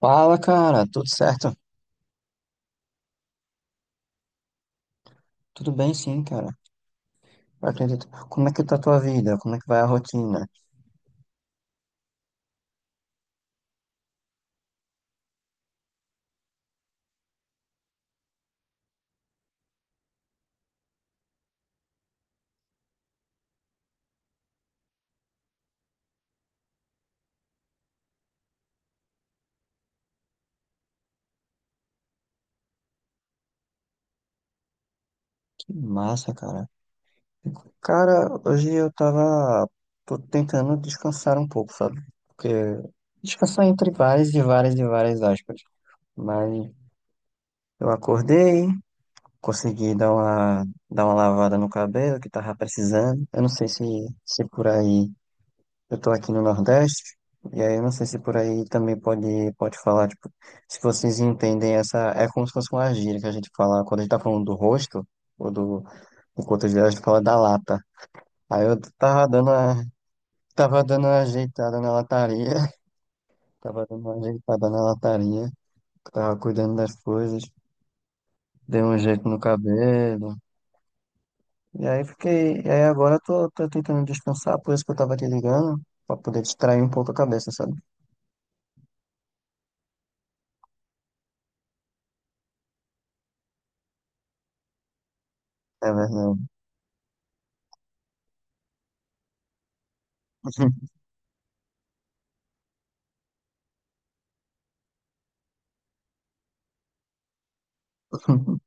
Fala, cara, tudo certo? Tudo bem, sim, cara. Eu acredito. Como é que tá a tua vida? Como é que vai a rotina? Que massa, cara. Cara, hoje eu tava. Tô tentando descansar um pouco, sabe? Porque. Descansar entre várias e várias e várias aspas. Mas eu acordei, consegui dar uma lavada no cabelo que tava precisando. Eu não sei se por aí. Eu tô aqui no Nordeste, e aí eu não sei se por aí também pode falar, tipo, se vocês entendem essa. É como se fosse uma gíria que a gente fala, quando a gente tá falando do rosto, ou do coto a gente fala da lata. Aí eu tava dando uma ajeitada na lataria, tava dando uma ajeitada na lataria, tava cuidando das coisas, dei um jeito no cabelo, e aí fiquei. E aí agora eu tô tentando descansar, por isso que eu tava te ligando, pra poder distrair um pouco a cabeça, sabe? É verdade.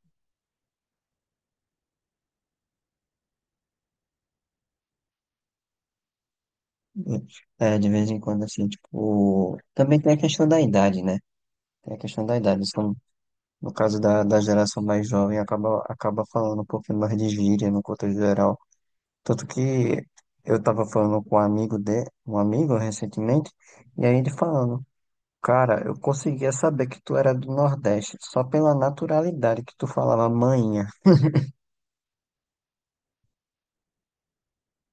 É, de vez em quando, assim, tipo. Também tem a questão da idade, né? Tem a questão da idade. Então, no caso da geração mais jovem, acaba falando um pouquinho mais de gíria no contexto geral. Tanto que eu tava falando com um amigo recentemente, e aí ele falando, cara, eu conseguia saber que tu era do Nordeste só pela naturalidade que tu falava manhinha.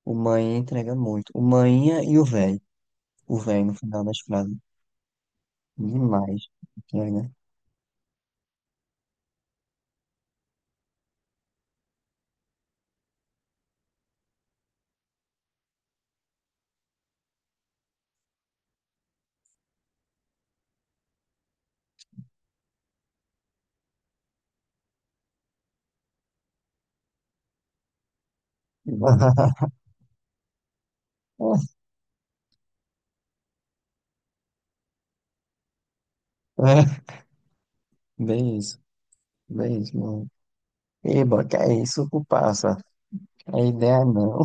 O manhinha entrega muito. O manhinha e o velho. O velho no final das frases. Demais. Entrega. É, bem isso, bem isso, mano. Eba, que é isso, passa. A ideia é não.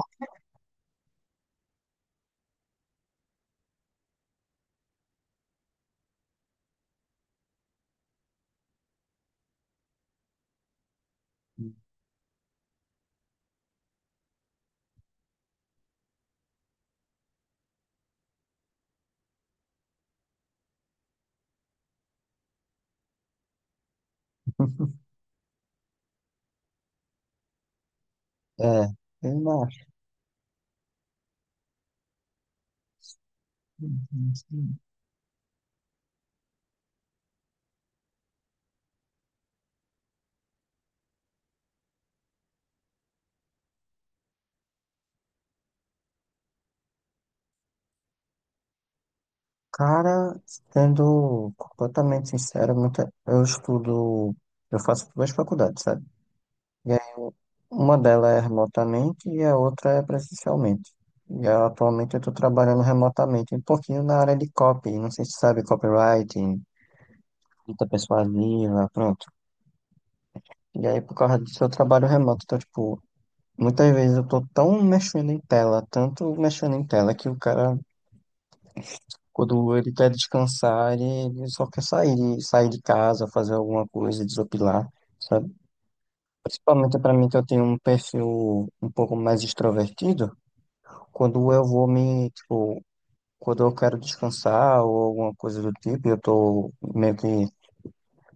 É, eu não acho. Cara, sendo completamente sincero, eu estudo, eu faço duas faculdades, sabe? E aí, uma delas é remotamente e a outra é presencialmente. E eu, atualmente eu estou trabalhando remotamente, um pouquinho na área de copy, não sei se sabe, copywriting, escrita persuasiva, pronto. E aí, por causa disso, eu trabalho remoto, então, tipo, muitas vezes eu tô tão mexendo em tela, tanto mexendo em tela, que o cara, quando ele quer descansar, ele só quer sair, sair de casa, fazer alguma coisa, desopilar, sabe? Principalmente pra mim, que eu tenho um perfil um pouco mais extrovertido, quando eu vou me, tipo, quando eu quero descansar ou alguma coisa do tipo, eu tô meio que.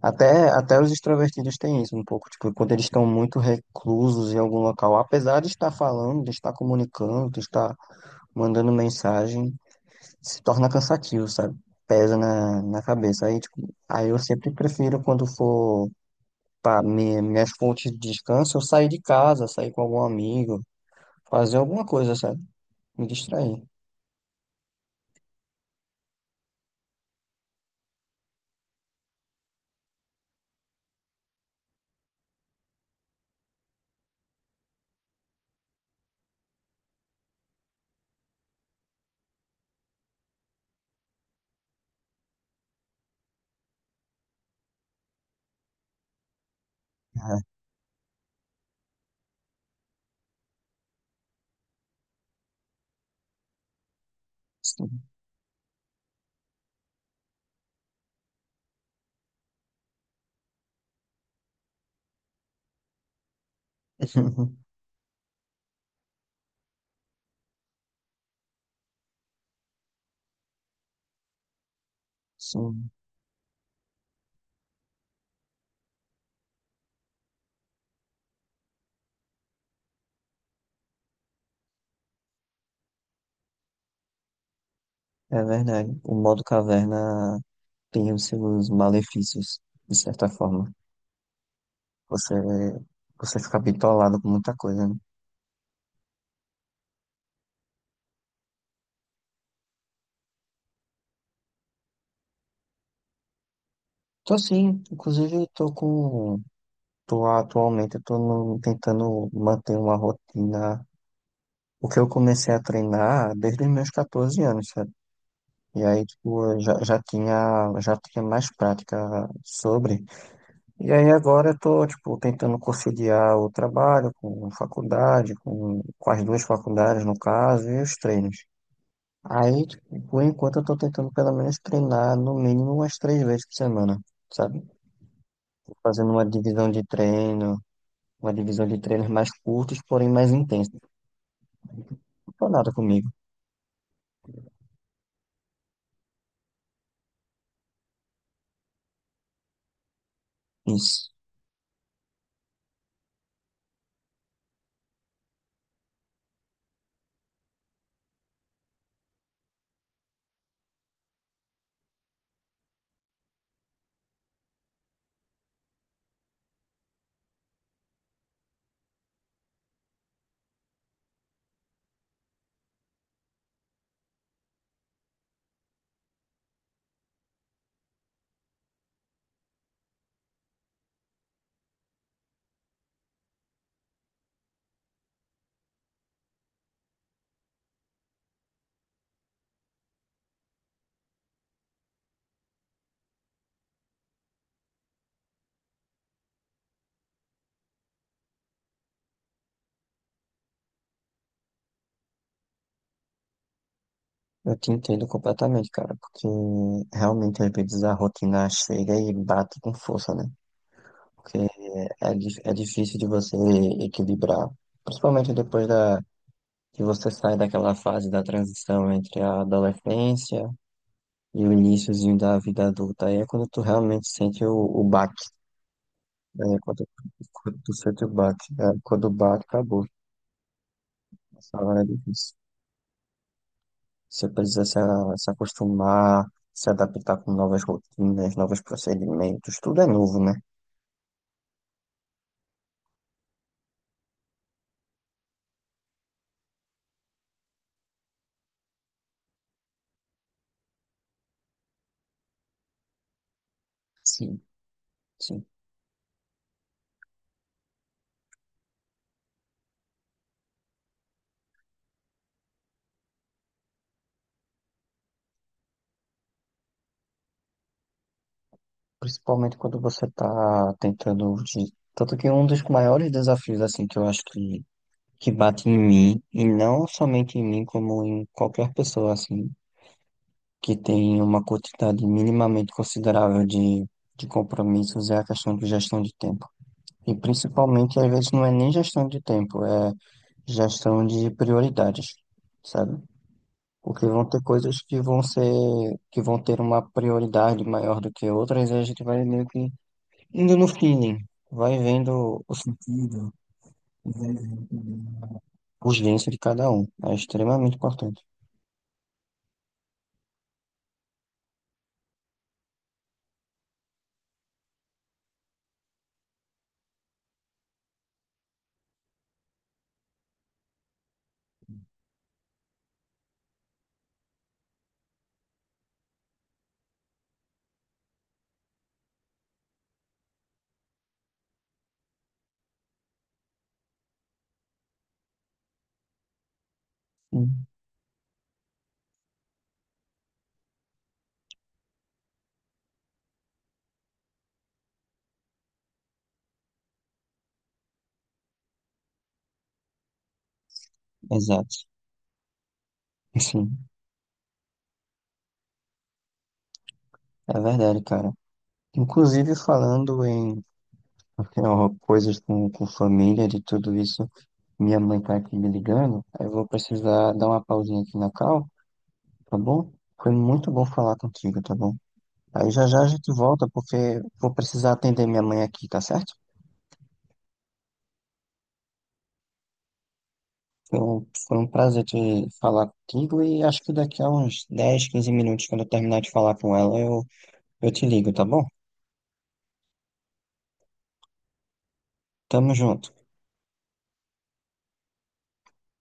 Até os extrovertidos têm isso um pouco, tipo, quando eles estão muito reclusos em algum local, apesar de estar falando, de estar comunicando, de estar mandando mensagem, se torna cansativo, sabe? Pesa na cabeça. Aí, tipo, aí eu sempre prefiro quando for para minhas fontes de descanso, eu sair de casa, sair com algum amigo, fazer alguma coisa, sabe? Me distrair. Ah, sim. Sim, é verdade. O modo caverna tem os seus malefícios, de certa forma. Você, você fica bitolado com muita coisa, né? Tô sim, inclusive tô com. Tô, atualmente eu tô tentando manter uma rotina, porque eu comecei a treinar desde os meus 14 anos, sabe? E aí, tipo, eu já tinha mais prática sobre. E aí agora eu tô, tipo, tentando conciliar o trabalho com faculdade, com as duas faculdades, no caso, e os treinos. Aí, tipo, por enquanto eu tô tentando pelo menos treinar no mínimo umas três vezes por semana, sabe? Fazendo uma divisão de treinos mais curtos, porém mais intensos. Foi nada comigo. Isso. Eu te entendo completamente, cara, porque realmente às vezes a rotina chega e bate com força, né? Porque é difícil de você equilibrar, principalmente depois que você sai daquela fase da transição entre a adolescência e o iniciozinho da vida adulta. Aí é quando tu realmente sente o baque, né? Quando tu sente o baque, é, quando o baque acabou. Essa hora é difícil. Você precisa se acostumar, se adaptar com novas rotinas, novos procedimentos, tudo é novo, né? Sim, sim. Principalmente quando você está tentando. Tanto que um dos maiores desafios, assim, que eu acho que bate em mim, e não somente em mim, como em qualquer pessoa, assim, que tem uma quantidade minimamente considerável de compromissos, é a questão de gestão de tempo. E principalmente, às vezes, não é nem gestão de tempo, é gestão de prioridades, sabe? Porque vão ter coisas que vão ser, que vão ter uma prioridade maior do que outras, e a gente vai meio que indo no feeling, vai vendo o sentido, e vai vendo também a urgência de cada um. É extremamente importante. Hum. Exato. Sim, é verdade, cara. Inclusive, falando em coisas com família, de tudo isso. Minha mãe tá aqui me ligando, aí eu vou precisar dar uma pausinha aqui na call, tá bom? Foi muito bom falar contigo, tá bom? Aí já já a gente volta, porque vou precisar atender minha mãe aqui, tá certo? Foi um prazer te falar contigo e acho que daqui a uns 10, 15 minutos, quando eu terminar de falar com ela, eu te ligo, tá bom? Tamo junto.